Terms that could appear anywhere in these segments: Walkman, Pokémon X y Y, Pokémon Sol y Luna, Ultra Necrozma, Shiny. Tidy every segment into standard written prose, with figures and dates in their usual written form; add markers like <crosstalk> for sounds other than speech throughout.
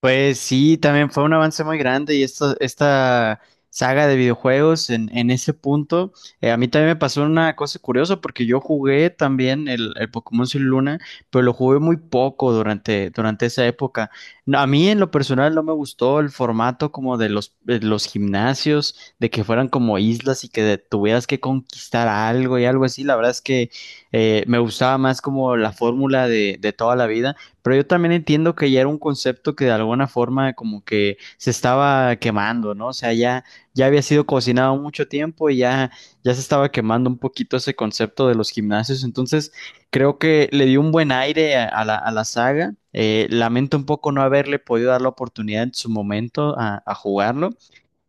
Pues sí, también fue un avance muy grande y esta saga de videojuegos en ese punto, a mí también me pasó una cosa curiosa porque yo jugué también el Pokémon Sol y Luna, pero lo jugué muy poco durante esa época. No, a mí en lo personal no me gustó el formato como de de los gimnasios, de que fueran como islas y que tuvieras que conquistar algo y algo así. La verdad es que me gustaba más como la fórmula de toda la vida. Pero yo también entiendo que ya era un concepto que de alguna forma como que se estaba quemando, ¿no? O sea, ya, ya había sido cocinado mucho tiempo y ya, ya se estaba quemando un poquito ese concepto de los gimnasios. Entonces, creo que le dio un buen aire a la saga. Lamento un poco no haberle podido dar la oportunidad en su momento a jugarlo.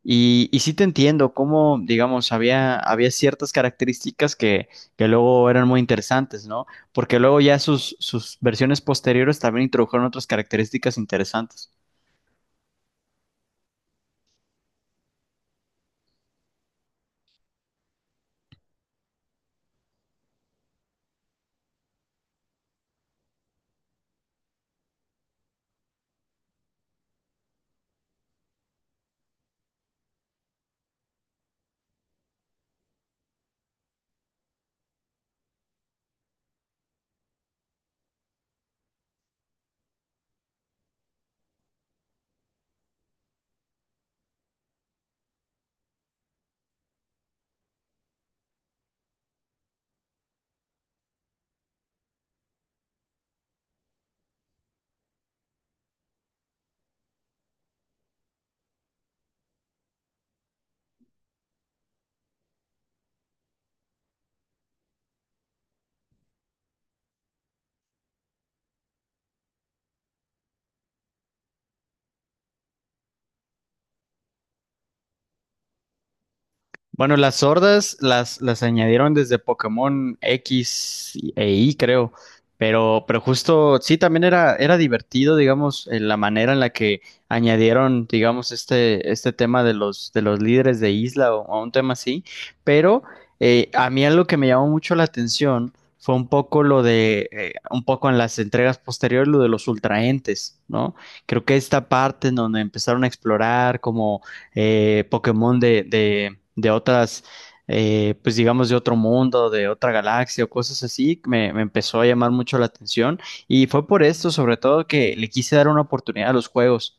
Y sí te entiendo, cómo, digamos, había ciertas características que luego eran muy interesantes, ¿no? Porque luego ya sus versiones posteriores también introdujeron otras características interesantes. Bueno, las sordas las añadieron desde e Y, creo. Pero justo, sí, también era divertido, digamos, en la manera en la que añadieron, digamos, este tema de de los líderes de isla o un tema así. Pero a mí algo que me llamó mucho la atención fue un poco lo de, un poco en las entregas posteriores, lo de los ultraentes, ¿no? Creo que esta parte en donde empezaron a explorar como Pokémon de otras, pues digamos de otro mundo, de otra galaxia o cosas así, que me empezó a llamar mucho la atención y fue por esto sobre todo que le quise dar una oportunidad a los juegos.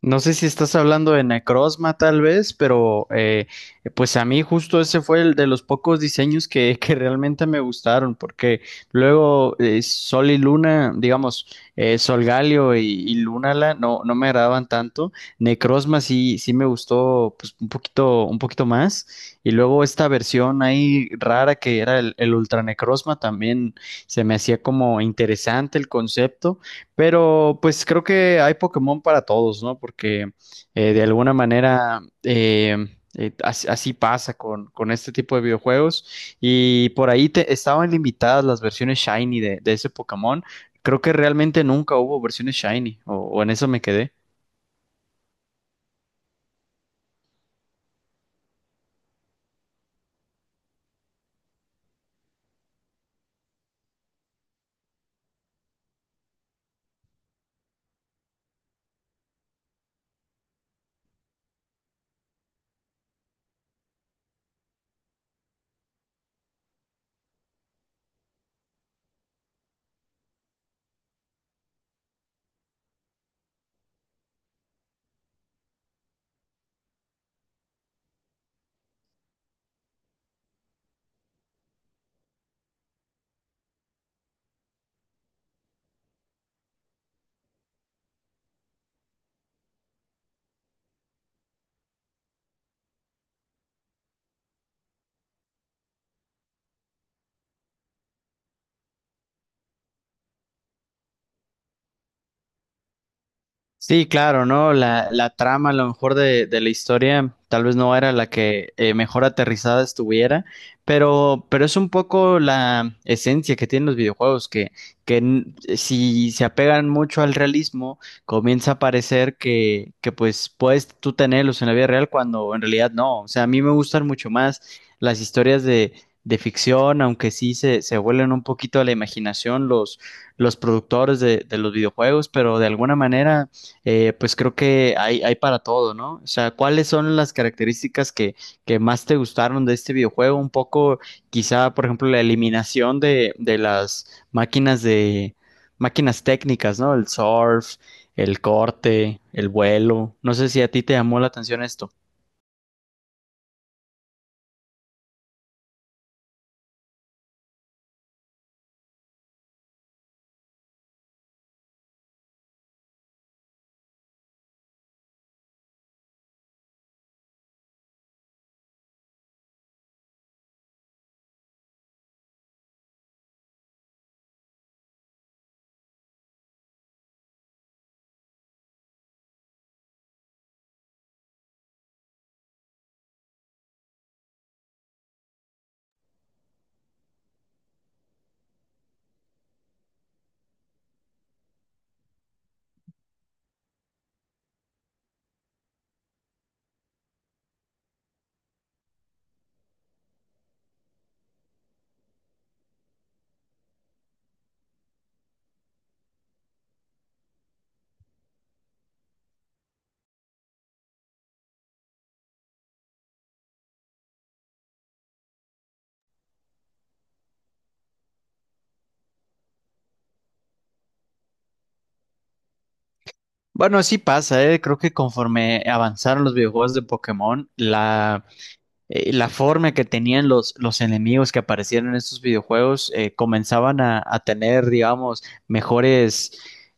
No sé si estás hablando de Necrozma tal vez, pero pues a mí justo ese fue el de los pocos diseños que realmente me gustaron, porque luego Sol y Luna, digamos, Sol Galio y Lunala no, no me agradaban tanto. Necrozma sí, sí me gustó pues un poquito más. Y luego esta versión ahí rara que era el Ultra Necrozma también se me hacía como interesante el concepto. Pero pues creo que hay Pokémon para todos, ¿no? Porque de alguna manera así, así pasa con este tipo de videojuegos. Y por ahí te, estaban limitadas las versiones Shiny de ese Pokémon. Creo que realmente nunca hubo versiones Shiny, o en eso me quedé. Sí, claro, ¿no? La trama, a lo mejor de la historia, tal vez no era la que mejor aterrizada estuviera, pero es un poco la esencia que tienen los videojuegos, que n- si se apegan mucho al realismo, comienza a parecer que pues puedes tú tenerlos en la vida real cuando en realidad no. O sea, a mí me gustan mucho más las historias de ficción, aunque sí se vuelven un poquito a la imaginación los productores de los videojuegos, pero de alguna manera pues creo que hay para todo, ¿no? O sea, ¿cuáles son las características que más te gustaron de este videojuego? Un poco, quizá, por ejemplo, la eliminación de las máquinas de máquinas técnicas, ¿no? El surf, el corte, el vuelo. No sé si a ti te llamó la atención esto. Bueno, sí pasa, ¿eh? Creo que conforme avanzaron los videojuegos de Pokémon, la forma que tenían los enemigos que aparecieron en estos videojuegos comenzaban a tener, digamos, mejores,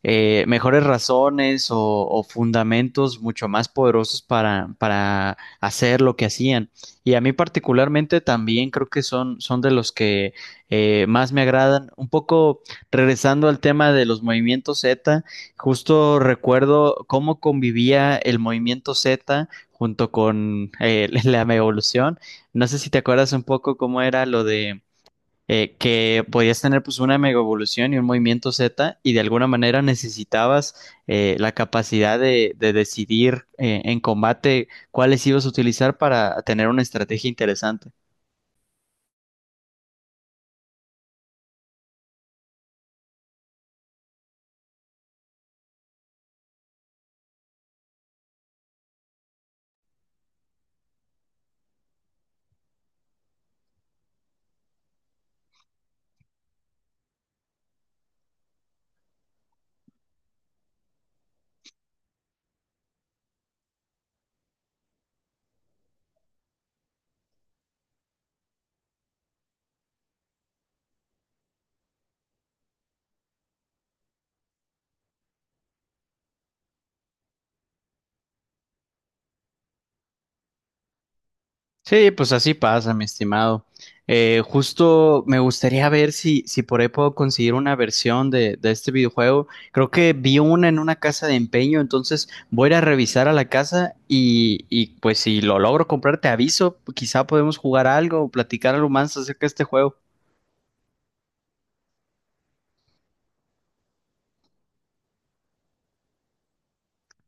mejores razones o fundamentos mucho más poderosos para hacer lo que hacían. Y a mí particularmente también creo que son, son de los que más me agradan. Un poco regresando al tema de los movimientos Z, justo recuerdo cómo convivía el movimiento Z junto con <laughs> la megaevolución. No sé si te acuerdas un poco cómo era lo de que podías tener pues una megaevolución y un movimiento Z y de alguna manera necesitabas la capacidad de decidir en combate cuáles ibas a utilizar para tener una estrategia interesante. Sí, pues así pasa, mi estimado. Justo me gustaría ver si, si por ahí puedo conseguir una versión de este videojuego. Creo que vi una en una casa de empeño, entonces voy a ir a revisar a la casa y pues si lo logro comprar, te aviso. Quizá podemos jugar algo o platicar algo más acerca de este juego.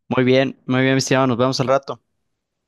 Muy bien, mi estimado. Nos vemos al rato.